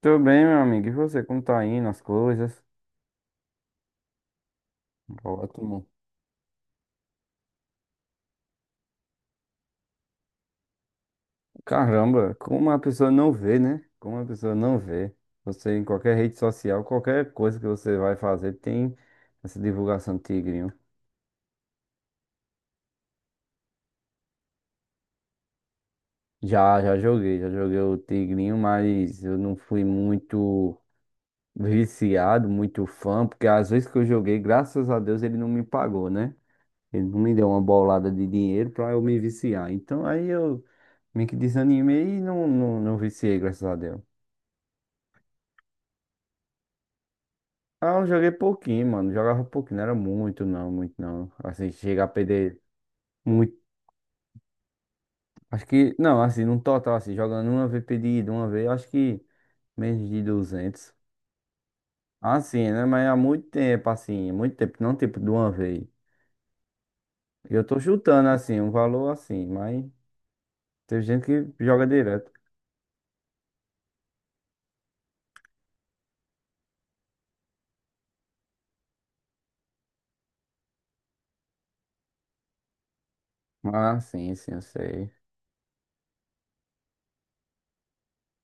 Tudo bem, meu amigo. E você, como tá indo as coisas? Ótimo. Caramba, como a pessoa não vê, né? Como a pessoa não vê. Você em qualquer rede social, qualquer coisa que você vai fazer, tem essa divulgação do Tigrinho. Já joguei o Tigrinho, mas eu não fui muito viciado, muito fã, porque às vezes que eu joguei, graças a Deus, ele não me pagou, né? Ele não me deu uma bolada de dinheiro pra eu me viciar. Então aí eu meio que desanimei e não viciei, graças a Deus. Ah, eu joguei pouquinho, mano. Jogava pouquinho, não era muito, não, muito não. Assim, chegar a perder muito. Acho que, não, assim, num total, assim, jogando uma vez perdido, uma vez, eu acho que menos de 200. Assim, né? Mas há muito tempo, assim, muito tempo, não tempo de uma vez. Eu tô chutando, assim, um valor assim, mas tem gente que joga direto. Ah, sim, sim, eu sei.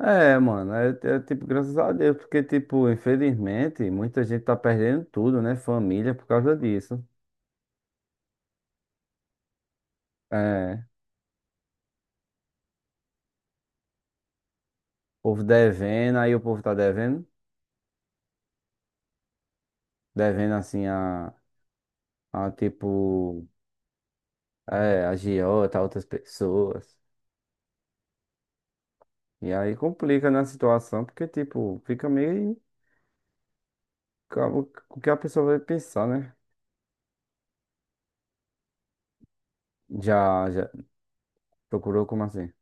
É, mano, tipo, graças a Deus, porque, tipo, infelizmente, muita gente tá perdendo tudo, né? Família por causa disso. É, o povo devendo, aí o povo tá devendo, devendo assim a tipo, é, agiota, a outras pessoas. E aí complica na situação, porque, tipo, fica meio com o que a pessoa vai pensar, né? Já procurou como assim?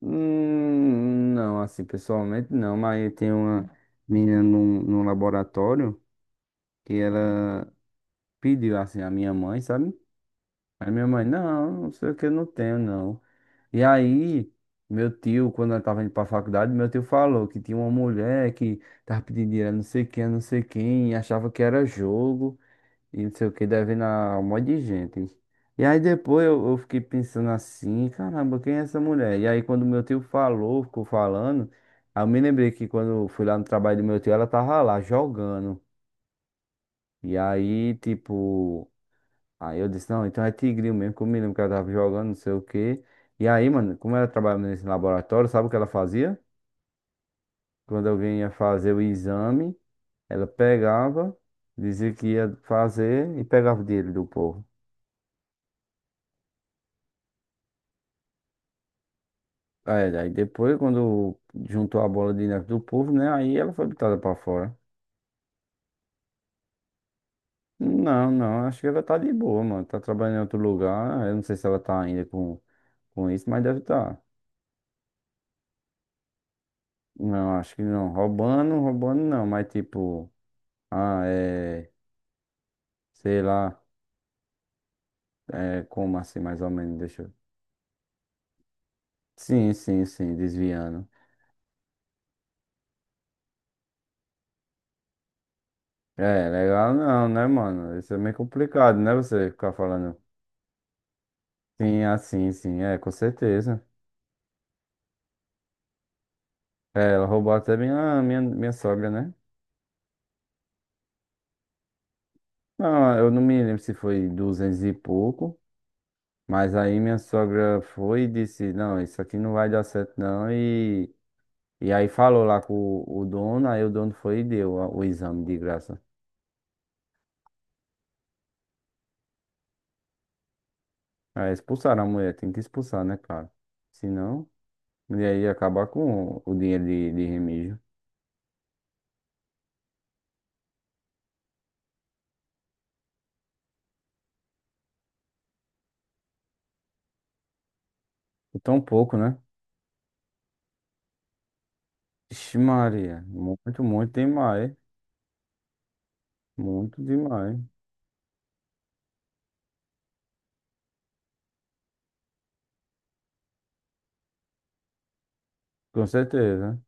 Não, assim, pessoalmente não, mas tem uma menina num, laboratório. Que ela pediu assim a minha mãe, sabe? Aí minha mãe, não, não sei o que, eu não tenho, não. E aí, meu tio, quando ela tava indo pra faculdade, meu tio falou que tinha uma mulher que tava pedindo dinheiro a não sei quem, a não sei quem, e achava que era jogo, e não sei o que, devendo a um monte de gente. E aí depois eu fiquei pensando assim, caramba, quem é essa mulher? E aí quando meu tio falou, ficou falando, aí eu me lembrei que quando eu fui lá no trabalho do meu tio, ela tava lá jogando. E aí, tipo, aí eu disse, não, então é tigrinho mesmo, que eu me lembro que ela tava jogando, não sei o quê. E aí, mano, como ela trabalhava nesse laboratório, sabe o que ela fazia? Quando alguém ia fazer o exame, ela pegava, dizia que ia fazer e pegava o dinheiro do povo. Aí depois, quando juntou a bola de neve do povo, né? Aí ela foi botada pra fora. Não, não, acho que ela tá de boa, mano. Tá trabalhando em outro lugar. Eu não sei se ela tá ainda com, isso, mas deve estar. Tá. Não, acho que não. Roubando, roubando não, mas tipo. Ah, é. Sei lá, é, como assim, mais ou menos, deixa eu... Sim, sim, sim, desviando. É, legal não, né, mano? Isso é meio complicado, né, você ficar falando. Sim, assim, sim, é, com certeza. É, ela roubou até minha sogra, né? Não, eu não me lembro se foi 200 e pouco, mas aí minha sogra foi e disse, não, isso aqui não vai dar certo não, e... E aí falou lá com o, dono, aí o dono foi e deu o exame de graça. É, expulsaram a mulher, tem que expulsar, né, cara? Se não... E aí acabar com o dinheiro de remígio. Por tão pouco, né? Ixi, Maria. Muito, muito demais. Muito demais. Com certeza.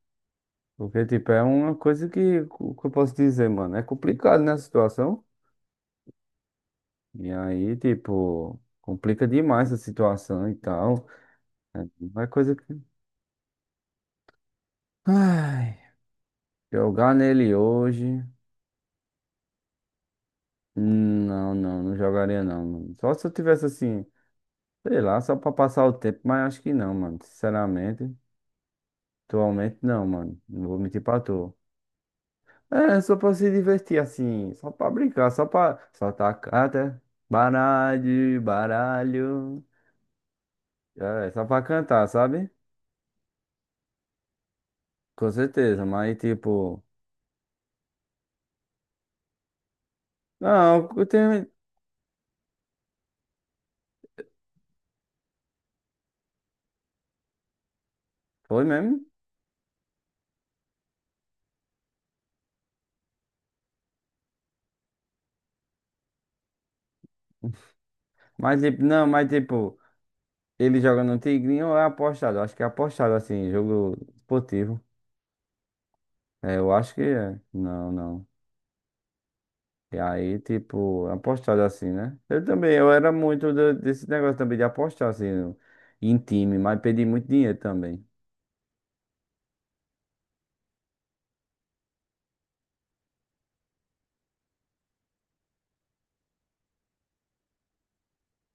Porque, tipo, é uma coisa que eu posso dizer, mano. É complicado, né, a situação. E aí, tipo, complica demais a situação e tal. É uma coisa que. Ai, jogar nele hoje. Não jogaria não, mano. Só se eu tivesse assim, sei lá, só pra passar o tempo, mas acho que não, mano. Sinceramente. Atualmente não, mano. Não vou mentir pra tu. É, só pra se divertir assim, só pra brincar, só pra. Só tá canta, baralho, baralho. É só pra cantar, sabe? Com certeza, mas tipo. Não, eu tenho. Foi mesmo? Mas tipo, não, mas tipo, ele joga no Tigrinho ou é apostado? Acho que é apostado assim, jogo esportivo. É, eu acho que é. Não, não. E aí, tipo, apostado assim, né? Eu também, eu era muito desse negócio também de apostar assim, em time, mas perdi muito dinheiro também.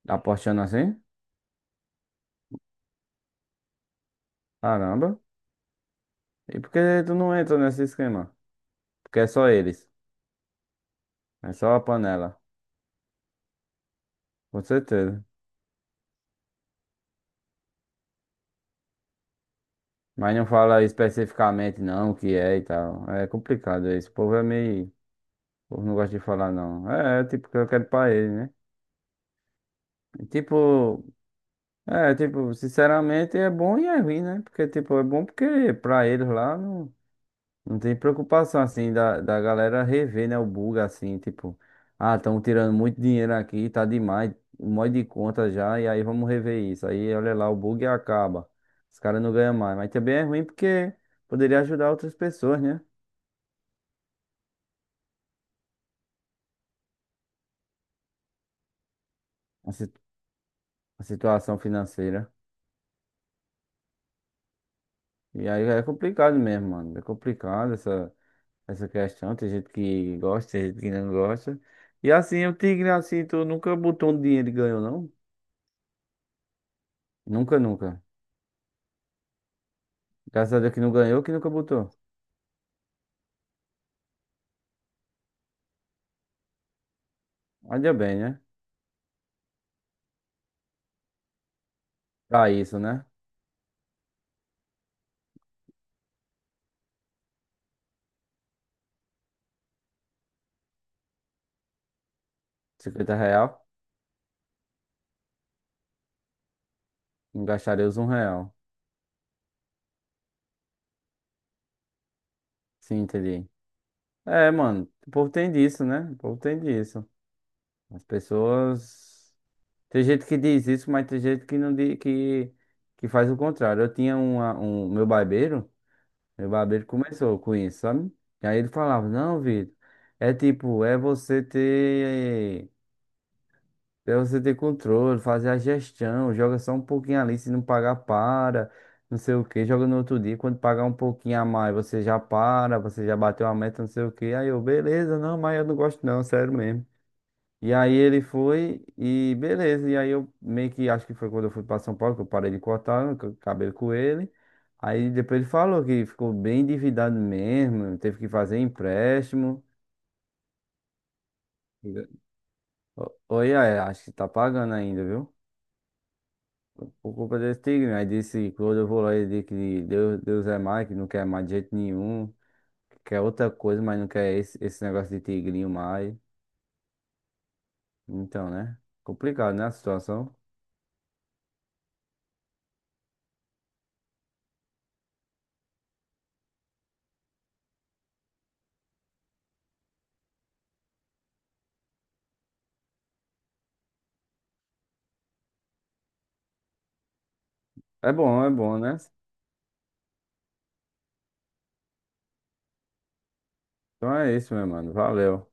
Apostando assim? Caramba. E por que tu não entra nesse esquema? Porque é só eles. É só a panela. Com certeza. Mas não fala especificamente não o que é e tal. É complicado isso. O povo é meio. O povo não gosta de falar não. Tipo, que eu quero pra ele, né? E, Tipo, É, tipo, sinceramente é bom e é ruim, né? Porque, tipo, é bom porque pra eles lá não, tem preocupação, assim, da galera rever, né? O bug, assim, tipo, ah, estão tirando muito dinheiro aqui, tá demais, um monte de conta já, e aí vamos rever isso. Aí, olha lá, o bug acaba. Os caras não ganham mais. Mas também é ruim porque poderia ajudar outras pessoas, né? A, si- a situação financeira. E aí é complicado mesmo, mano. É complicado Essa questão. Tem gente que gosta, tem gente que não gosta. E assim, o Tigre, assim, tu nunca botou um dinheiro e ganhou, não? Nunca, nunca. Graças a Deus que não ganhou, que nunca botou. Olha bem, né? Pra isso, né? 50 real, não gastaria os 1 real. Sim, entendi. É, mano, o povo tem disso, né? O povo tem disso. As pessoas. Tem gente que diz isso, mas tem gente que não diz, que, faz o contrário. Eu tinha um meu barbeiro. Meu barbeiro começou com isso, sabe? E aí ele falava, não, Vitor, é tipo, é você ter controle, fazer a gestão, joga só um pouquinho ali, se não pagar, para, não sei o que, joga no outro dia, quando pagar um pouquinho a mais, você já para, você já bateu a meta, não sei o que, aí eu, beleza, não, mas eu não gosto não, sério mesmo. E aí ele foi e beleza. E aí eu meio que acho que foi quando eu fui para São Paulo que eu parei de cortar o cabelo com ele. Aí depois ele falou que ficou bem endividado mesmo, teve que fazer empréstimo. Oi, aí, acho que tá pagando ainda, viu? Por culpa desse tigre. Aí disse quando eu vou lá ele disse que Deus, Deus é mais, que não quer mais de jeito nenhum, que quer outra coisa, mas não quer esse, negócio de tigrinho mais. Então, né? Complicado, né, a situação. É bom, né? Então é isso, meu mano. Valeu.